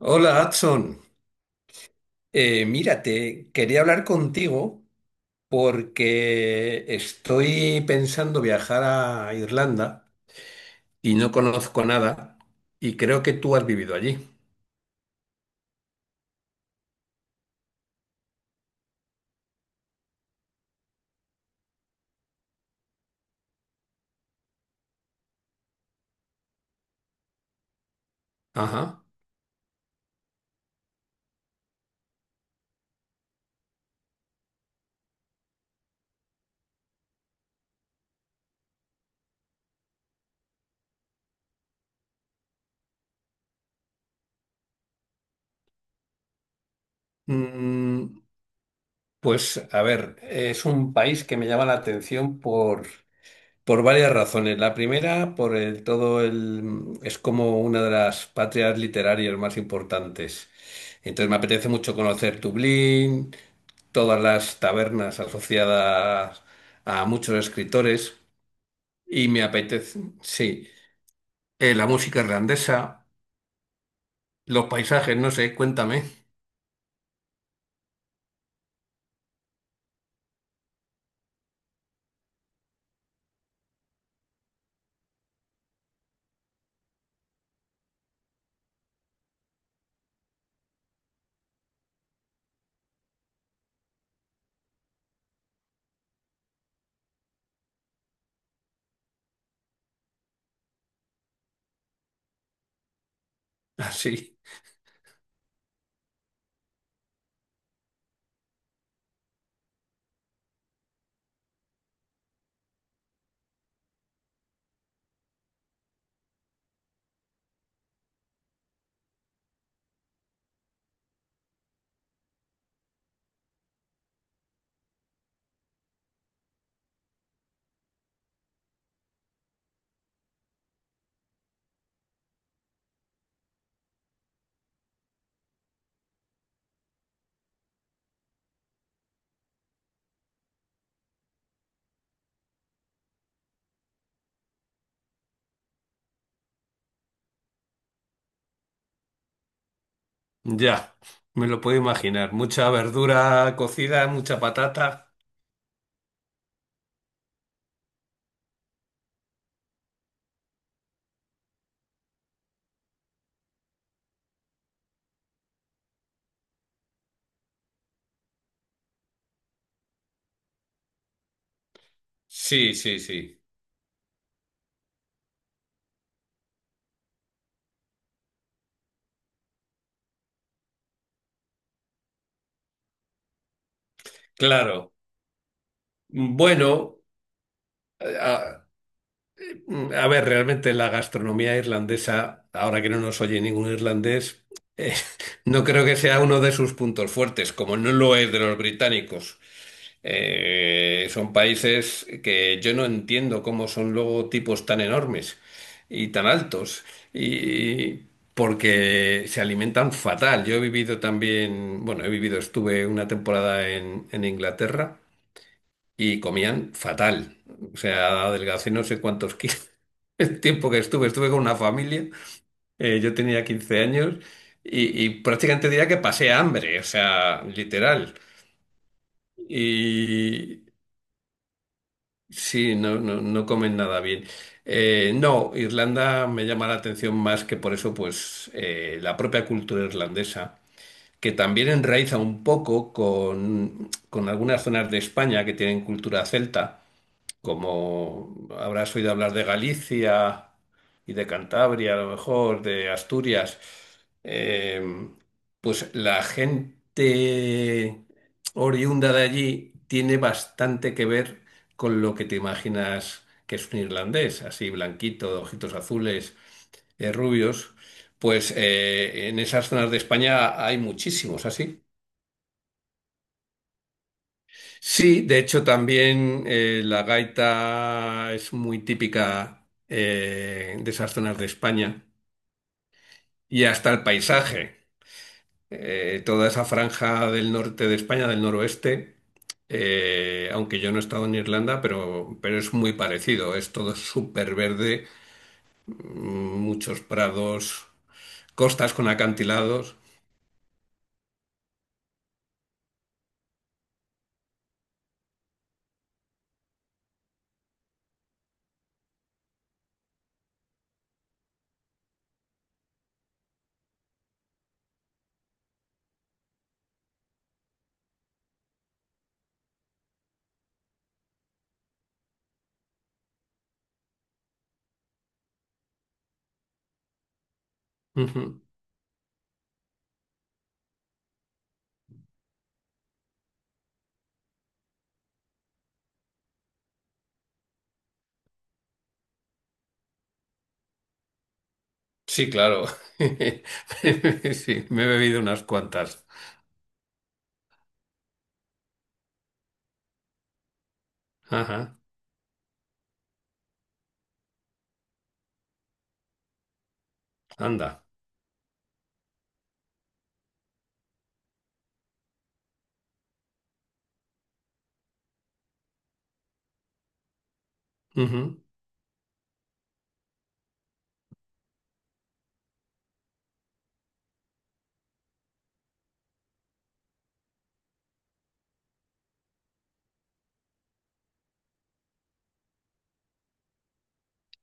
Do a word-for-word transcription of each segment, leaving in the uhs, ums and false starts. Hola, Adson. Eh, mira, te quería hablar contigo porque estoy pensando viajar a Irlanda y no conozco nada y creo que tú has vivido allí. Ajá. Mm, pues a ver, es un país que me llama la atención por, por varias razones. La primera, por el todo el, es como una de las patrias literarias más importantes. Entonces me apetece mucho conocer Dublín, todas las tabernas asociadas a muchos escritores y me apetece, sí, eh, la música irlandesa, los paisajes, no sé, cuéntame. Así, ya, me lo puedo imaginar. Mucha verdura cocida, mucha patata. Sí, sí, sí, claro. Bueno, eh, ah, Mm, A ver, realmente la gastronomía irlandesa, ahora que no nos oye ningún irlandés, eh, no creo que sea uno de sus puntos fuertes, como no lo es de los británicos. Eh, son países que yo no entiendo cómo son luego tipos tan enormes y tan altos, y porque se alimentan fatal. Yo he vivido también, bueno, he vivido, estuve una temporada en en Inglaterra y comían fatal. O sea, adelgacé no sé cuántos kilos. El tiempo que estuve, estuve con una familia, eh, yo tenía quince años y, y prácticamente diría que pasé hambre, o sea, literal. Y sí, no, no, no comen nada bien. Eh, no, Irlanda me llama la atención más que por eso, pues, eh, la propia cultura irlandesa, que también enraiza un poco con, con algunas zonas de España que tienen cultura celta. Como habrás oído hablar de Galicia y de Cantabria, a lo mejor, de Asturias, eh, pues la gente oriunda de allí tiene bastante que ver con lo que te imaginas que es un irlandés, así blanquito, de ojitos azules, eh, rubios, pues eh, en esas zonas de España hay muchísimos así. Sí, de hecho también, eh, la gaita es muy típica, eh, de esas zonas de España y hasta el paisaje. Eh, toda esa franja del norte de España, del noroeste, eh, aunque yo no he estado en Irlanda, pero, pero es muy parecido. Es todo súper verde, muchos prados, costas con acantilados. Ujú. Sí, claro. Sí, me he bebido unas cuantas. Ajá, anda. Ujú.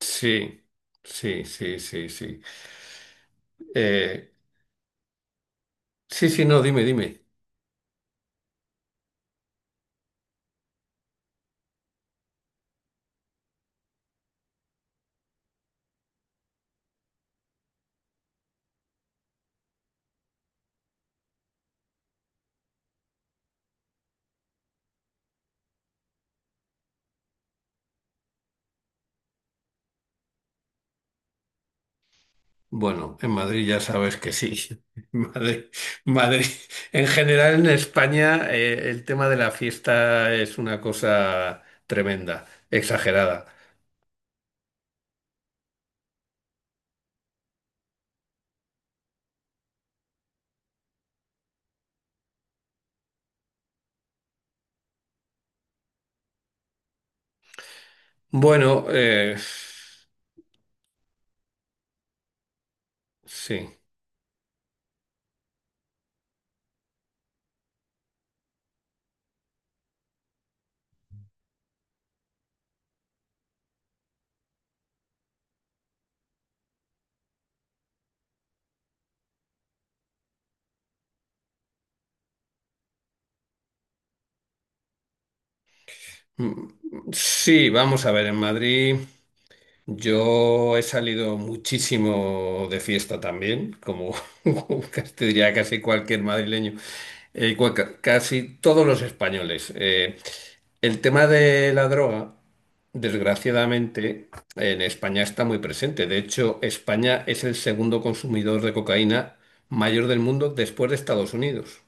Sí, sí, sí, sí, sí. Eh, sí, sí, no, dime, dime. Bueno, en Madrid ya sabes que sí. Madrid, Madrid. En general, en España, eh, el tema de la fiesta es una cosa tremenda, exagerada. Bueno, eh, sí. Mm, Sí, vamos a ver, en Madrid. Yo he salido muchísimo de fiesta también, como casi- te diría casi cualquier madrileño, eh, cua- ca- casi todos los españoles. Eh, el tema de la droga, desgraciadamente, en España está muy presente. De hecho, España es el segundo consumidor de cocaína mayor del mundo después de Estados Unidos.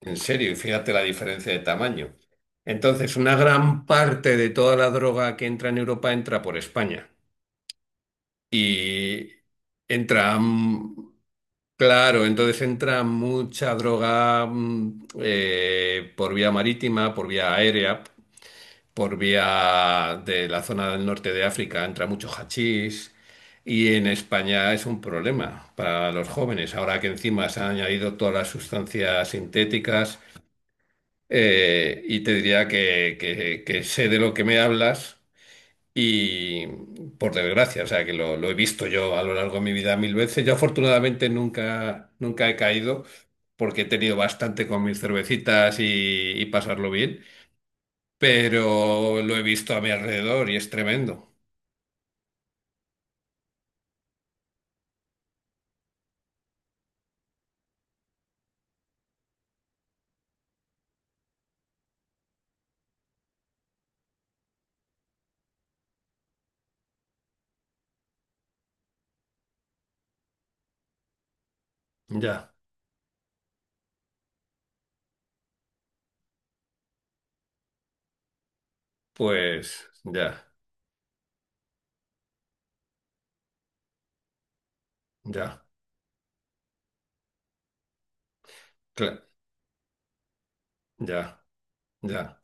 En serio, y fíjate la diferencia de tamaño. Entonces, una gran parte de toda la droga que entra en Europa entra por España. Y entra, mm, claro, entonces entra mucha droga, mm, eh, por vía marítima, por vía aérea, por vía de la zona del norte de África, entra mucho hachís y en España es un problema para los jóvenes, ahora que encima se han añadido todas las sustancias sintéticas, eh, y te diría que, que que sé de lo que me hablas y por desgracia, o sea, que lo, lo he visto yo a lo largo de mi vida mil veces. Yo afortunadamente nunca, nunca he caído porque he tenido bastante con mis cervecitas y, y pasarlo bien, pero lo he visto a mi alrededor y es tremendo. Ya, pues, ya, ya, cla- ya, ya.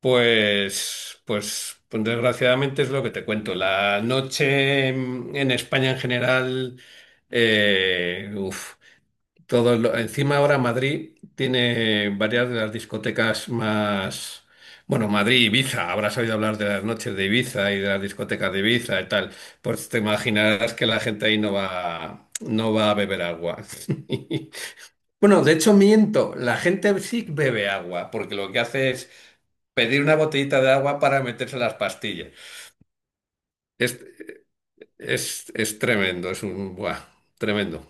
Pues, pues, pues desgraciadamente es lo que te cuento. La noche en en España en general... Eh, uf, Todo lo- encima ahora Madrid tiene varias de las discotecas más, bueno, Madrid, Ibiza, habrás oído hablar de las noches de Ibiza y de las discotecas de Ibiza y tal. Pues te imaginarás que la gente ahí no va, no va a beber agua. Bueno, de hecho miento, la gente sí bebe agua, porque lo que hace es pedir una botellita de agua para meterse las pastillas. Es, es, es tremendo, es un, buah, tremendo.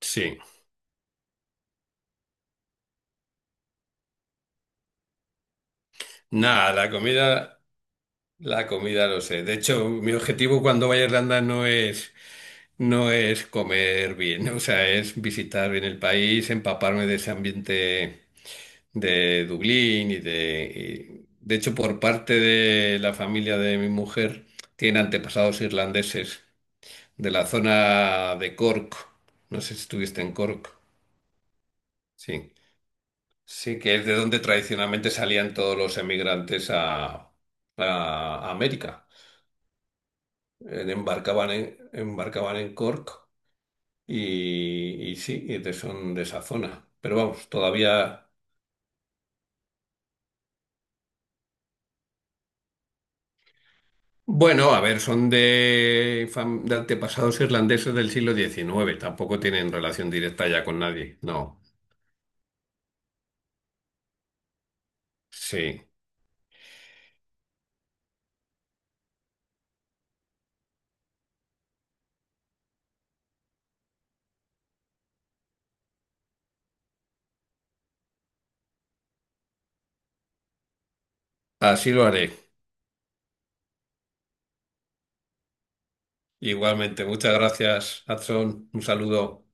Sí. Nada, la comida. La comida lo sé. De hecho, mi objetivo cuando vaya a Irlanda no es, no es comer bien, o sea, es visitar bien el país, empaparme de ese ambiente de Dublín y de... y- de hecho, por parte de la familia de mi mujer, tiene antepasados irlandeses de la zona de Cork. No sé si estuviste en Cork. Sí. Sí, que es de donde tradicionalmente salían todos los emigrantes a, a América. Eh, embarcaban en, embarcaban en Cork y, y sí, y de- son de esa zona. Pero vamos, todavía... Bueno, a ver, son de, fam- de antepasados irlandeses del siglo diecinueve, tampoco tienen relación directa ya con nadie, no. Sí, así lo haré. Igualmente, muchas gracias, Adson. Un saludo.